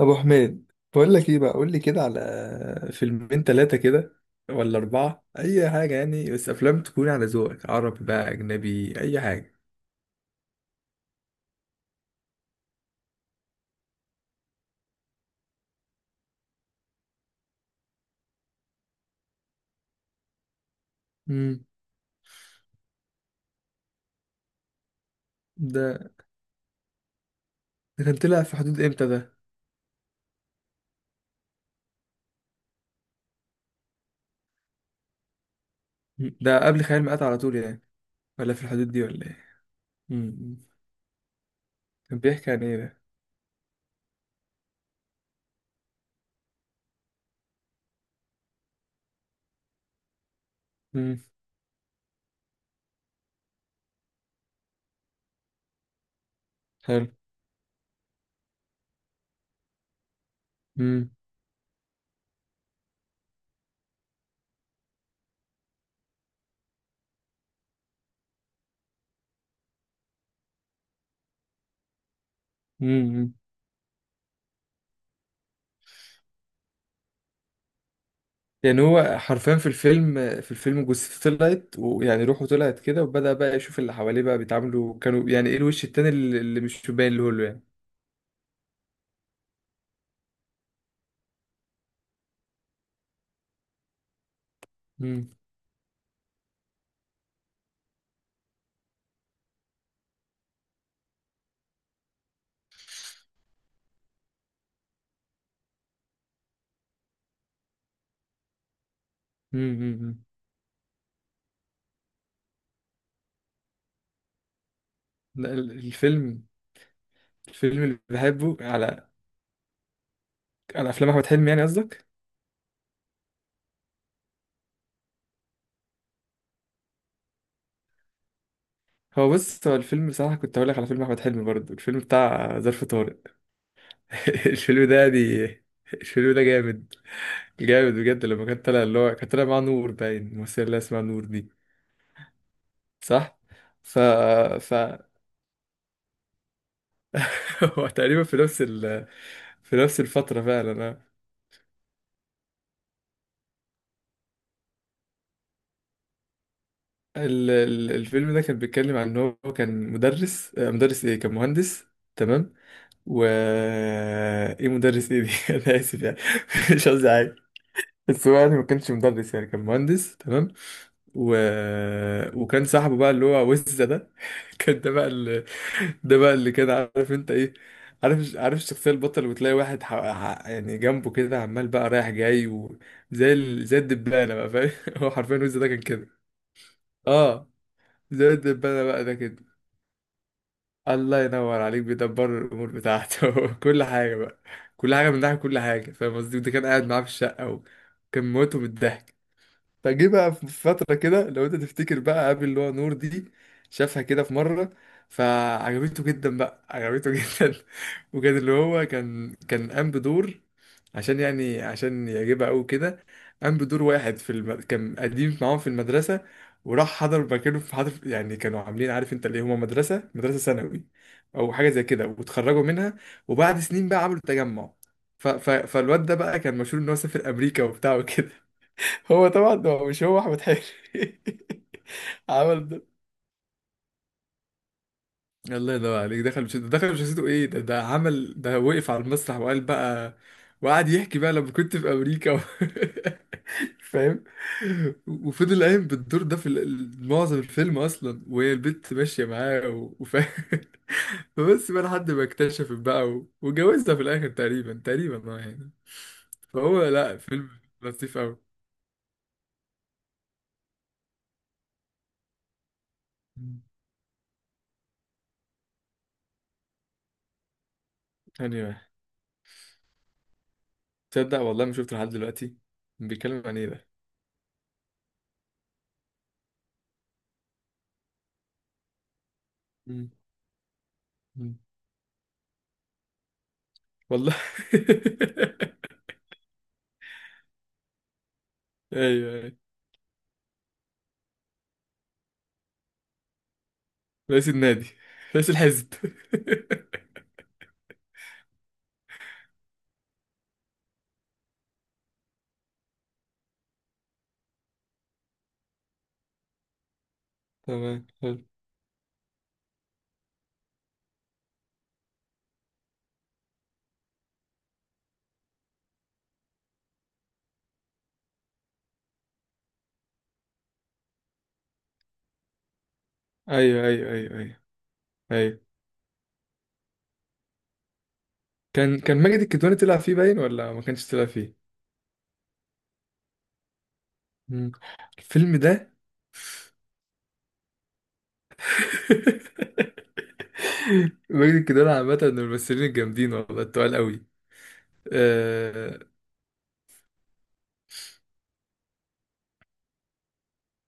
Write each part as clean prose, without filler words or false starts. ابو حميد، بقول لك ايه؟ بقى قول لي كده على فيلمين ثلاثه كده، ولا اربعه، اي حاجه يعني، بس افلام تكون على ذوقك. عربي بقى اجنبي، اي حاجه. امم ده ده كان طلع في حدود امتى ده؟ مم. ده قبل خيال مآتة على طول يعني، ولا في الحدود دي ولا ايه؟ امم كان بيحكي عن ايه ده؟ امم حلو. امم امم يعني هو حرفيا في الفيلم جثته طلعت، ويعني روحه طلعت كده، وبدأ بقى يشوف اللي حواليه بقى بيتعاملوا، كانوا يعني ايه الوش التاني اللي مش باين له يعني. مم. امم لا، الفيلم اللي بحبه على افلام احمد حلمي يعني قصدك. هو بص، هو الفيلم بصراحه كنت هقول لك على فيلم احمد حلمي برضه، الفيلم بتاع ظرف طارق. الفيلم ده دي الفيلم ده جامد. جامد بجد، لما كان طالع، اللي هو كان طالع مع نور، باين الممثله اللي اسمها نور دي. صح. ف ف هو تقريبا في نفس الفتره فعلا أنا. الفيلم ده كان بيتكلم عن ان هو كان مدرس، مدرس ايه؟ كان مهندس تمام. و ايه مدرس ايه دي؟ انا اسف يعني. مش قصدي حاجه. بس هو يعني ما كانش مدرس، يعني كان مهندس تمام. و... وكان صاحبه بقى اللي هو وزة ده. كان ده بقى اللي ده بقى اللي كان عارف انت ايه، عارف الشخصية البطل، وتلاقي واحد، يعني جنبه كده عمال بقى رايح جاي، زي الدبانة بقى، فاهم؟ هو حرفيا وزة ده كان كده. اه، زي الدبانة بقى ده كده. الله ينور عليك، بيدبر الامور بتاعته. كل حاجه بقى، كل حاجه من ناحيه، كل حاجه، فاهم قصدي. وده كان قاعد معاه في الشقه، وكان موته من الضحك. فجه بقى في فتره كده، لو انت تفتكر بقى، قابل اللي هو نور دي، شافها كده في مره، فعجبته جدا بقى، عجبته جدا. وكان اللي هو كان قام بدور، عشان يعجبها قوي كده. قام بدور واحد في كان قديم معاهم في المدرسة، وراح حضر مكانه حضر يعني، كانوا عاملين عارف انت، اللي هما مدرسة ثانوي او حاجة زي كده، واتخرجوا منها، وبعد سنين بقى عملوا تجمع. فالواد ده بقى كان مشهور ان هو سافر امريكا وبتاع وكده. هو طبعا، هو مش، هو احمد حلمي. عمل ده. الله ينور عليك، دخل مش دخل، مش حسيته ايه ده عمل ده، وقف على المسرح وقال بقى، وقعد يحكي بقى لما كنت في امريكا. فاهم. وفضل قايم بالدور ده في معظم الفيلم اصلا، وهي البت ماشيه معاه وفاهم. فبس بقى لحد ما اكتشفت بقى واتجوزها في الاخر تقريبا، تقريبا يعني. فهو، لا، فيلم لطيف قوي. ثانية واحد، تصدق والله ما شفته لحد دلوقتي. بيتكلم عن ايه ده؟ مم. مم. والله. ايوه، ايوه. رئيس النادي، رئيس الحزب. تمام، حلو. ايوه، ايوه، ايوه، ايوه، ايوه. كان ماجد الكدواني طلع فيه باين ولا ما كانش طلع فيه؟ مم. الفيلم ده. ماجد الكدواني عامة من الممثلين الجامدين، والله التقال قوي. آه...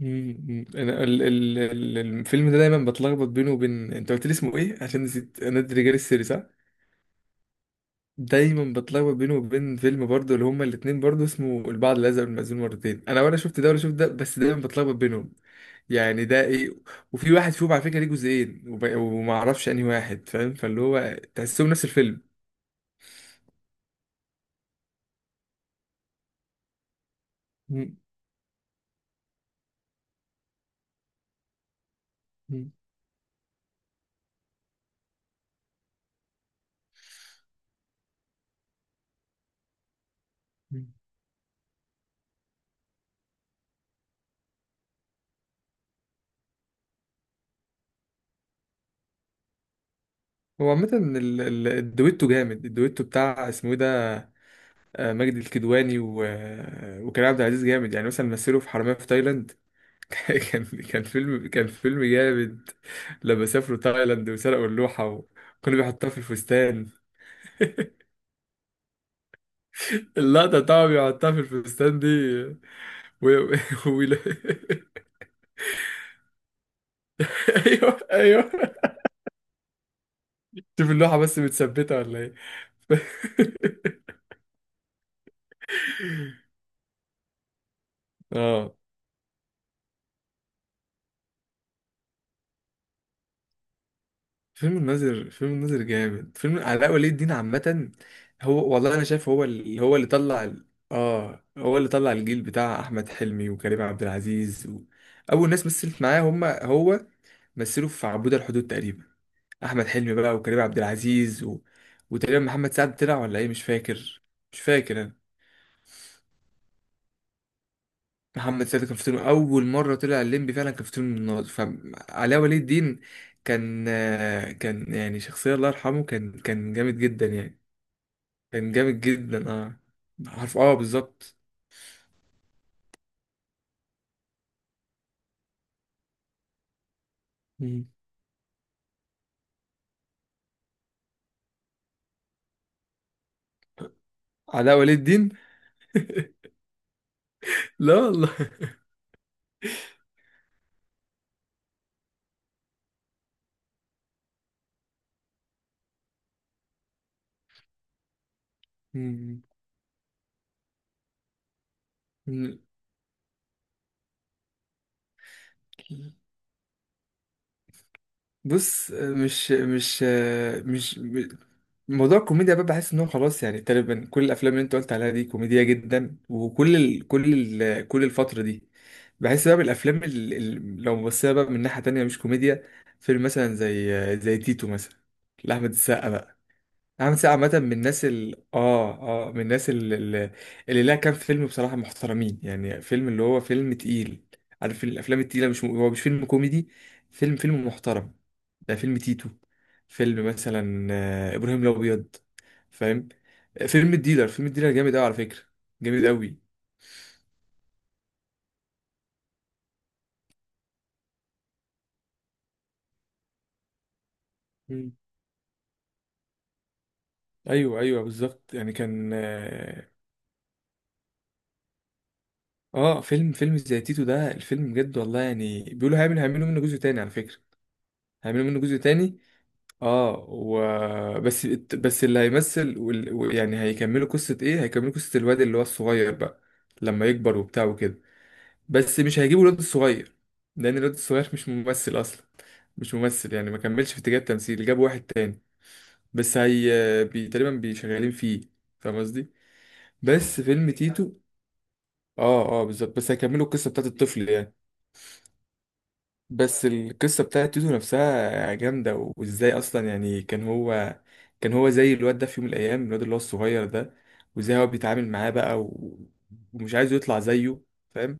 مم، مم. انا الفيلم ده دايما بتلخبط بينه وبين انت قلت لي اسمه ايه عشان نسيت، نادي رجال السر، صح. دايما بتلخبط بينه وبين فيلم برضه اللي هما الاتنين برضه اسمه البعض الازرق، والمأذون مرتين. انا ولا شفت ده ولا شفت ده، بس دايما بتلخبط بينهم. يعني ده ايه. وفي واحد فيهم على فكره ليه جزئين، وما اعرفش انهي واحد، فاهم، فاللي هو تحسهم نفس الفيلم. مم. مم. مم. هو عامة الدويتو جامد، الدويتو بتاع اسمه ايه ده، ماجد الكدواني و... آه، وكريم عبد العزيز جامد، يعني مثلا مثلوا في حرامية في تايلاند. كان فيلم جامد، لما سافروا تايلاند وسرقوا اللوحة وكانوا بيحطوها في الفستان. اللقطة طبعا بيحطها في الفستان دي، و... و... ويلا- ايوه، ايوه. شوف اللوحة بس متثبتة ولا ايه. ف- اه، فيلم الناظر، فيلم الناظر جامد، فيلم علاء ولي الدين عامة. هو والله انا شايف هو اللي، هو اللي طلع اه، هو اللي طلع الجيل بتاع احمد حلمي وكريم عبد العزيز اول ناس مثلت معاه هم هو، مثلوا في عبود الحدود تقريبا، احمد حلمي بقى وكريم عبد العزيز، وتقريبا محمد سعد طلع ولا ايه، مش فاكر. مش فاكر. محمد سيد كان في فيلم اول مره طلع الليمبي فعلا، كان في فيلم الناظر فعلاء ولي الدين. كان يعني شخصيه الله يرحمه، كان جامد جدا يعني. كان جامد جدا. اه عارف، بالظبط. مم. علاء ولي الدين. لا والله. مم. بص، مش مش- موضوع الكوميديا بقى، بحس ان هو خلاص يعني تقريبا كل الافلام اللي انت قلت عليها دي كوميديا جدا، وكل ال كل ال كل الفتره دي. بحس بقى بالافلام، لو بصينا بقى من ناحيه تانية مش كوميديا، فيلم مثلا زي تيتو مثلا، لاحمد السقا بقى. عامل سعد عامة من الناس ال اه اه من الناس ال- ال- اللي لها كام فيلم بصراحة، محترمين يعني. فيلم، اللي هو فيلم تقيل، عارف الأفلام التقيلة، مش هو مش فيلم كوميدي، فيلم محترم. ده فيلم تيتو. فيلم مثلا، إبراهيم الأبيض، فاهم، فيلم الديلر، فيلم الديلر جامد أوي على فكرة، جامد أوي. مم. أيوه، أيوه، بالظبط يعني كان فيلم زي تيتو ده الفيلم بجد والله، يعني بيقولوا هيعملوا منه جزء تاني على فكرة. هيعملوا منه جزء تاني، اه بس اللي هيمثل، يعني هيكملوا قصة الواد اللي هو الصغير بقى، لما يكبر وبتاع وكده. بس مش هيجيبوا الواد الصغير، لان الواد الصغير مش ممثل اصلا. مش ممثل يعني ما كملش في اتجاه التمثيل، جابوا واحد تاني. بس هي، تقريبا بيشغالين فيه، فاهم قصدي. بس فيلم تيتو، اه بالظبط، بس هيكملوا القصة بتاعت الطفل يعني. بس القصة بتاعت تيتو نفسها جامدة، وازاي اصلا يعني، كان هو زي الواد ده في يوم من الايام، الواد اللي هو الصغير ده، وازاي هو بيتعامل معاه بقى ومش عايزه يطلع زيه، فاهم،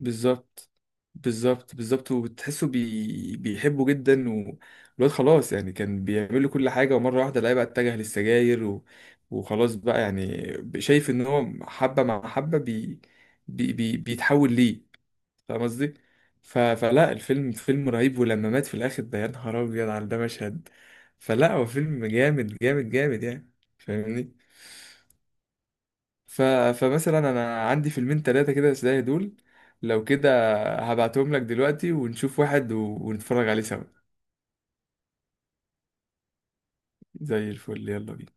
بالظبط، بالظبط، بالظبط. وتحسه، بيحبه جدا، والواد خلاص يعني كان بيعمل له كل حاجة. ومرة واحدة لقاه بقى اتجه للسجاير وخلاص بقى يعني. شايف ان هو حبة مع حبة، بيتحول ليه، فاهم قصدي؟ فلا الفيلم فيلم رهيب، ولما مات في الآخر ده، يا نهار أبيض على ده مشهد. فلا هو فيلم جامد جامد جامد يعني، فاهمني؟ ف... فمثلا أنا عندي فيلمين تلاتة كده زي دول، لو كده هبعتهم لك دلوقتي ونشوف واحد ونتفرج عليه سوا. زي الفل، يلا بينا.